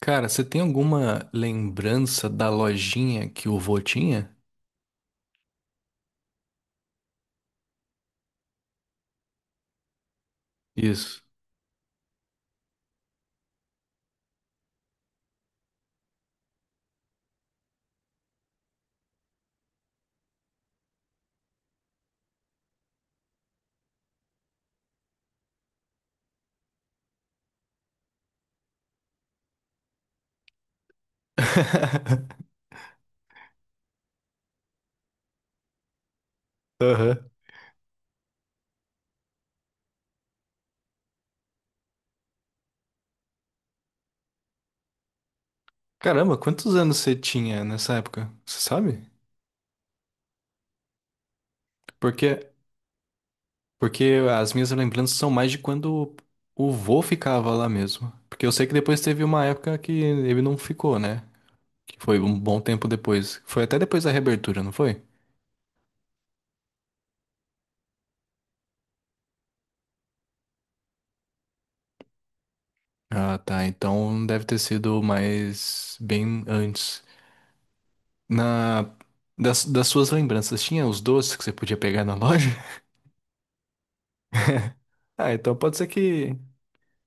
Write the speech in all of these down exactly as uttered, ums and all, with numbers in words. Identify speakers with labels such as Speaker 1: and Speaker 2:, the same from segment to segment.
Speaker 1: Cara, você tem alguma lembrança da lojinha que o vô tinha? Isso. Aham. Caramba, quantos anos você tinha nessa época? Você sabe? Porque, porque as minhas lembranças são mais de quando o vô ficava lá mesmo. Porque eu sei que depois teve uma época que ele não ficou, né? Que foi um bom tempo depois. Foi até depois da reabertura, não foi? Ah, tá. Então deve ter sido mais bem antes. Na, das, das suas lembranças, tinha os doces que você podia pegar na loja? Ah, então pode ser que.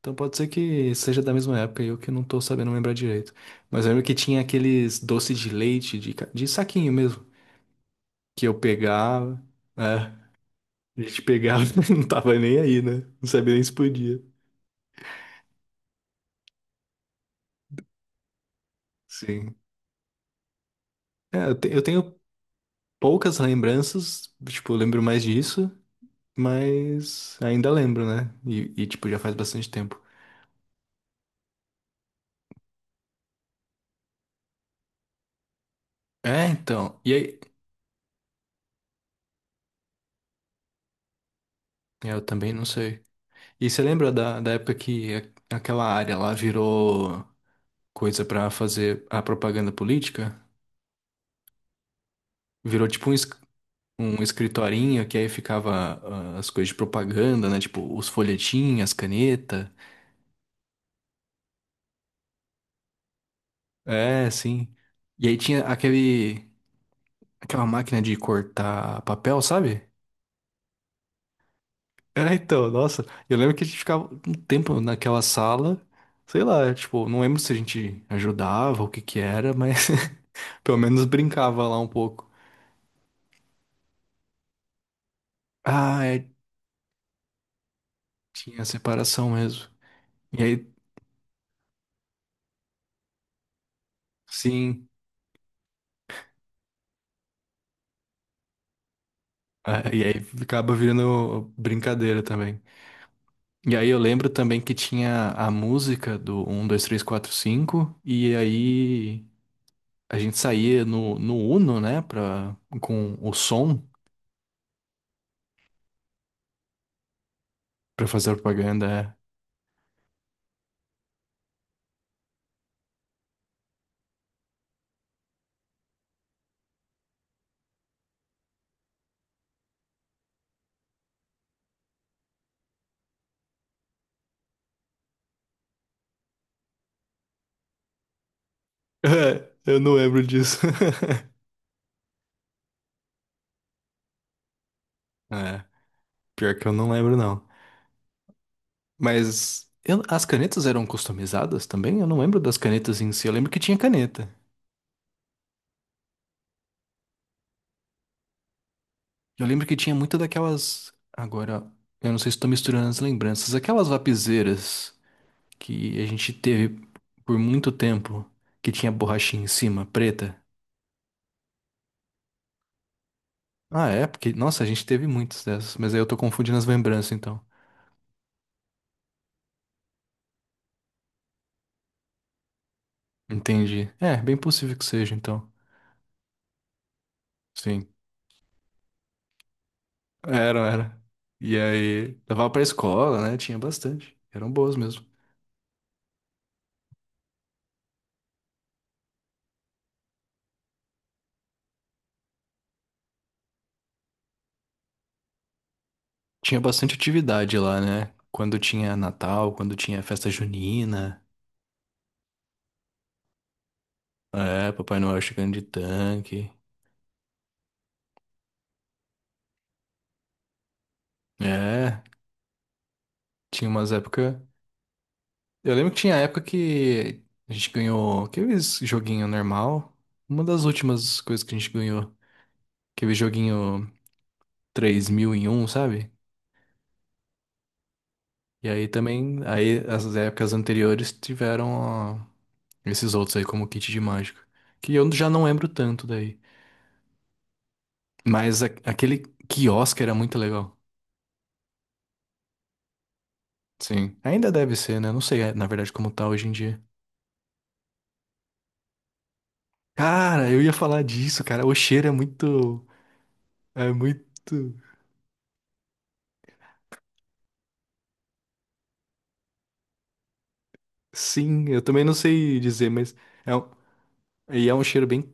Speaker 1: Então pode ser que seja da mesma época e eu que não tô sabendo lembrar direito. Mas eu lembro que tinha aqueles doces de leite, de, ca- de saquinho mesmo, que eu pegava. É, a gente pegava, não tava nem aí, né? Não sabia nem se podia. Sim. É, eu, te- eu tenho poucas lembranças, tipo, eu lembro mais disso, mas ainda lembro, né? E, e tipo, já faz bastante tempo. É, então. E aí, é, eu também não sei. E você lembra da, da época que a- aquela área lá virou coisa pra fazer a propaganda política? Virou tipo um, es- um escritorinho que aí ficava ah, as coisas de propaganda, né? Tipo os folhetinhos, as canetas. É, sim. E aí tinha aquele, aquela máquina de cortar papel, sabe? É, então, nossa, eu lembro que a gente ficava um tempo naquela sala, sei lá, tipo, não lembro se a gente ajudava, o que que era, mas pelo menos brincava lá um pouco. Ah, é, tinha separação mesmo. E aí, sim, é, e aí acaba virando brincadeira também. E aí eu lembro também que tinha a música do um, dois, três, quatro, cinco. E aí a gente saía no, no Uno, né, pra, com o som pra fazer a propaganda. É. É, eu não lembro disso. É, pior que eu não lembro, não. Mas eu- as canetas eram customizadas também? Eu não lembro das canetas em si. Eu lembro que tinha caneta. Eu lembro que tinha muita daquelas. Agora, eu não sei se estou misturando as lembranças. Aquelas lapiseiras que a gente teve por muito tempo, que tinha borrachinha em cima, preta. Ah, é? Porque, nossa, a gente teve muitas dessas. Mas aí eu tô confundindo as lembranças, então. Entendi. É, bem possível que seja, então. Sim. Era, era. E aí, levava pra escola, né? Tinha bastante. Eram boas mesmo. Tinha bastante atividade lá, né? Quando tinha Natal, quando tinha festa junina. É, Papai Noel chegando de tanque. É, tinha umas épocas. Eu lembro que tinha época que a gente ganhou aqueles joguinho normal. Uma das últimas coisas que a gente ganhou. Aquele joguinho três mil em um, sabe? E aí também, aí as épocas anteriores tiveram. Esses outros aí, como o kit de mágica. Que eu já não lembro tanto daí. Mas a- aquele quiosque era muito legal. Sim. Ainda deve ser, né? Não sei, é, na verdade, como tá hoje em dia. Cara, eu ia falar disso, cara. O cheiro é muito. É muito. Sim, eu também não sei dizer, mas. É um... E é um cheiro bem.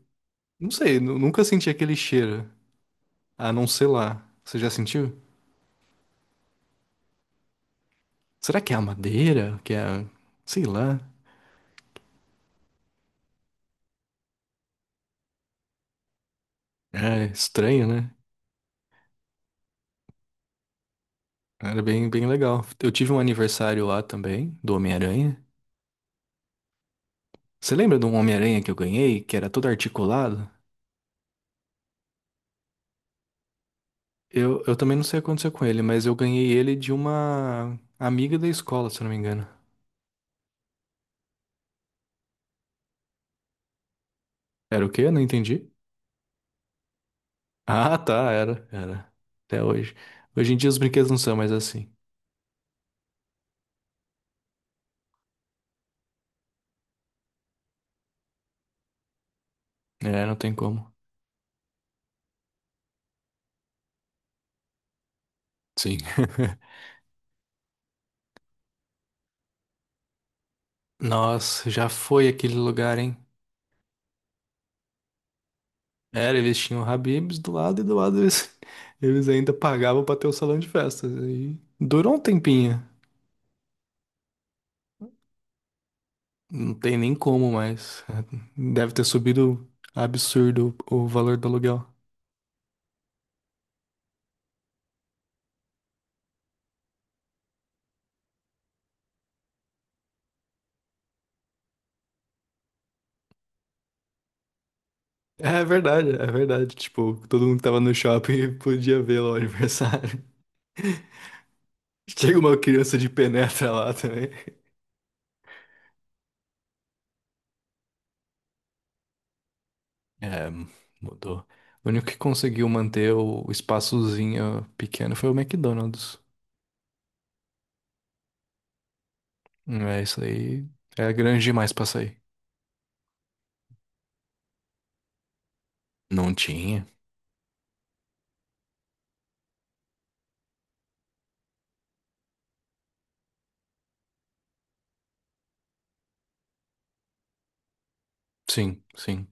Speaker 1: Não sei, nu- nunca senti aquele cheiro. A não ser lá. Você já sentiu? Será que é a madeira? Que é. a- Sei lá. É estranho, né? Era bem, bem legal. Eu tive um aniversário lá também, do Homem-Aranha. Você lembra de um Homem-Aranha que eu ganhei, que era todo articulado? Eu, eu também não sei o que aconteceu com ele, mas eu ganhei ele de uma amiga da escola, se eu não me engano. Era o quê? Eu não entendi. Ah, tá, era, era. Até hoje. Hoje em dia os brinquedos não são mais assim. É, não tem como. Sim. Nossa, já foi aquele lugar, hein? Era, eles tinham o Habib's do lado e do lado eles, eles ainda pagavam pra ter o salão de festas. E durou um tempinho. Não tem nem como mais. Deve ter subido absurdo o valor do aluguel. É verdade, é verdade. Tipo, todo mundo que tava no shopping podia ver lá o aniversário. Chega uma criança de penetra lá também. É, mudou. O único que conseguiu manter o o espaçozinho pequeno foi o McDonald's. É, isso aí é grande demais pra sair. Não tinha. Sim, sim.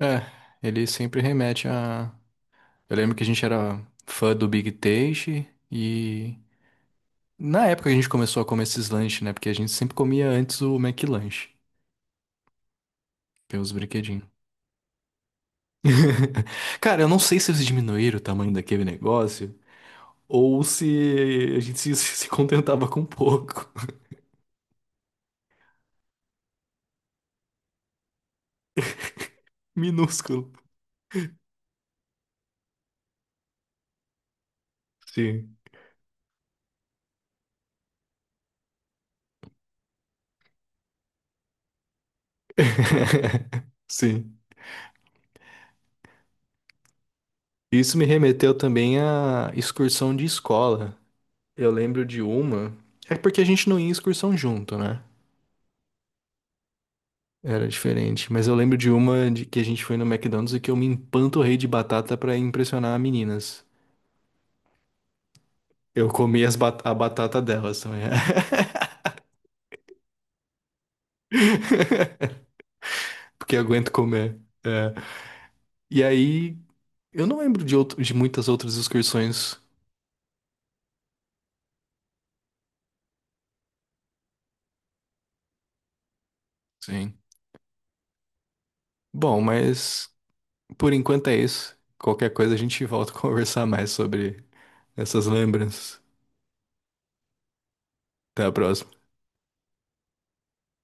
Speaker 1: É, ele sempre remete a eu lembro que a gente era fã do Big Taste. E na época a gente começou a comer esses lanches, né? Porque a gente sempre comia antes o McLanche, que é os brinquedinhos. Cara, eu não sei se eles diminuíram o tamanho daquele negócio ou se a gente se, se contentava com pouco. Minúsculo. Sim. Sim. Isso me remeteu também à excursão de escola. Eu lembro de uma. É porque a gente não ia em excursão junto, né? Era diferente. Mas eu lembro de uma de que a gente foi no McDonald's e que eu me empanturrei de batata pra impressionar as meninas. Eu comi as bat- a batata delas também. Porque eu aguento comer. É. E aí, eu não lembro de, outro, de muitas outras excursões. Sim. Bom, mas por enquanto é isso. Qualquer coisa a gente volta a conversar mais sobre essas lembranças. Até a próxima.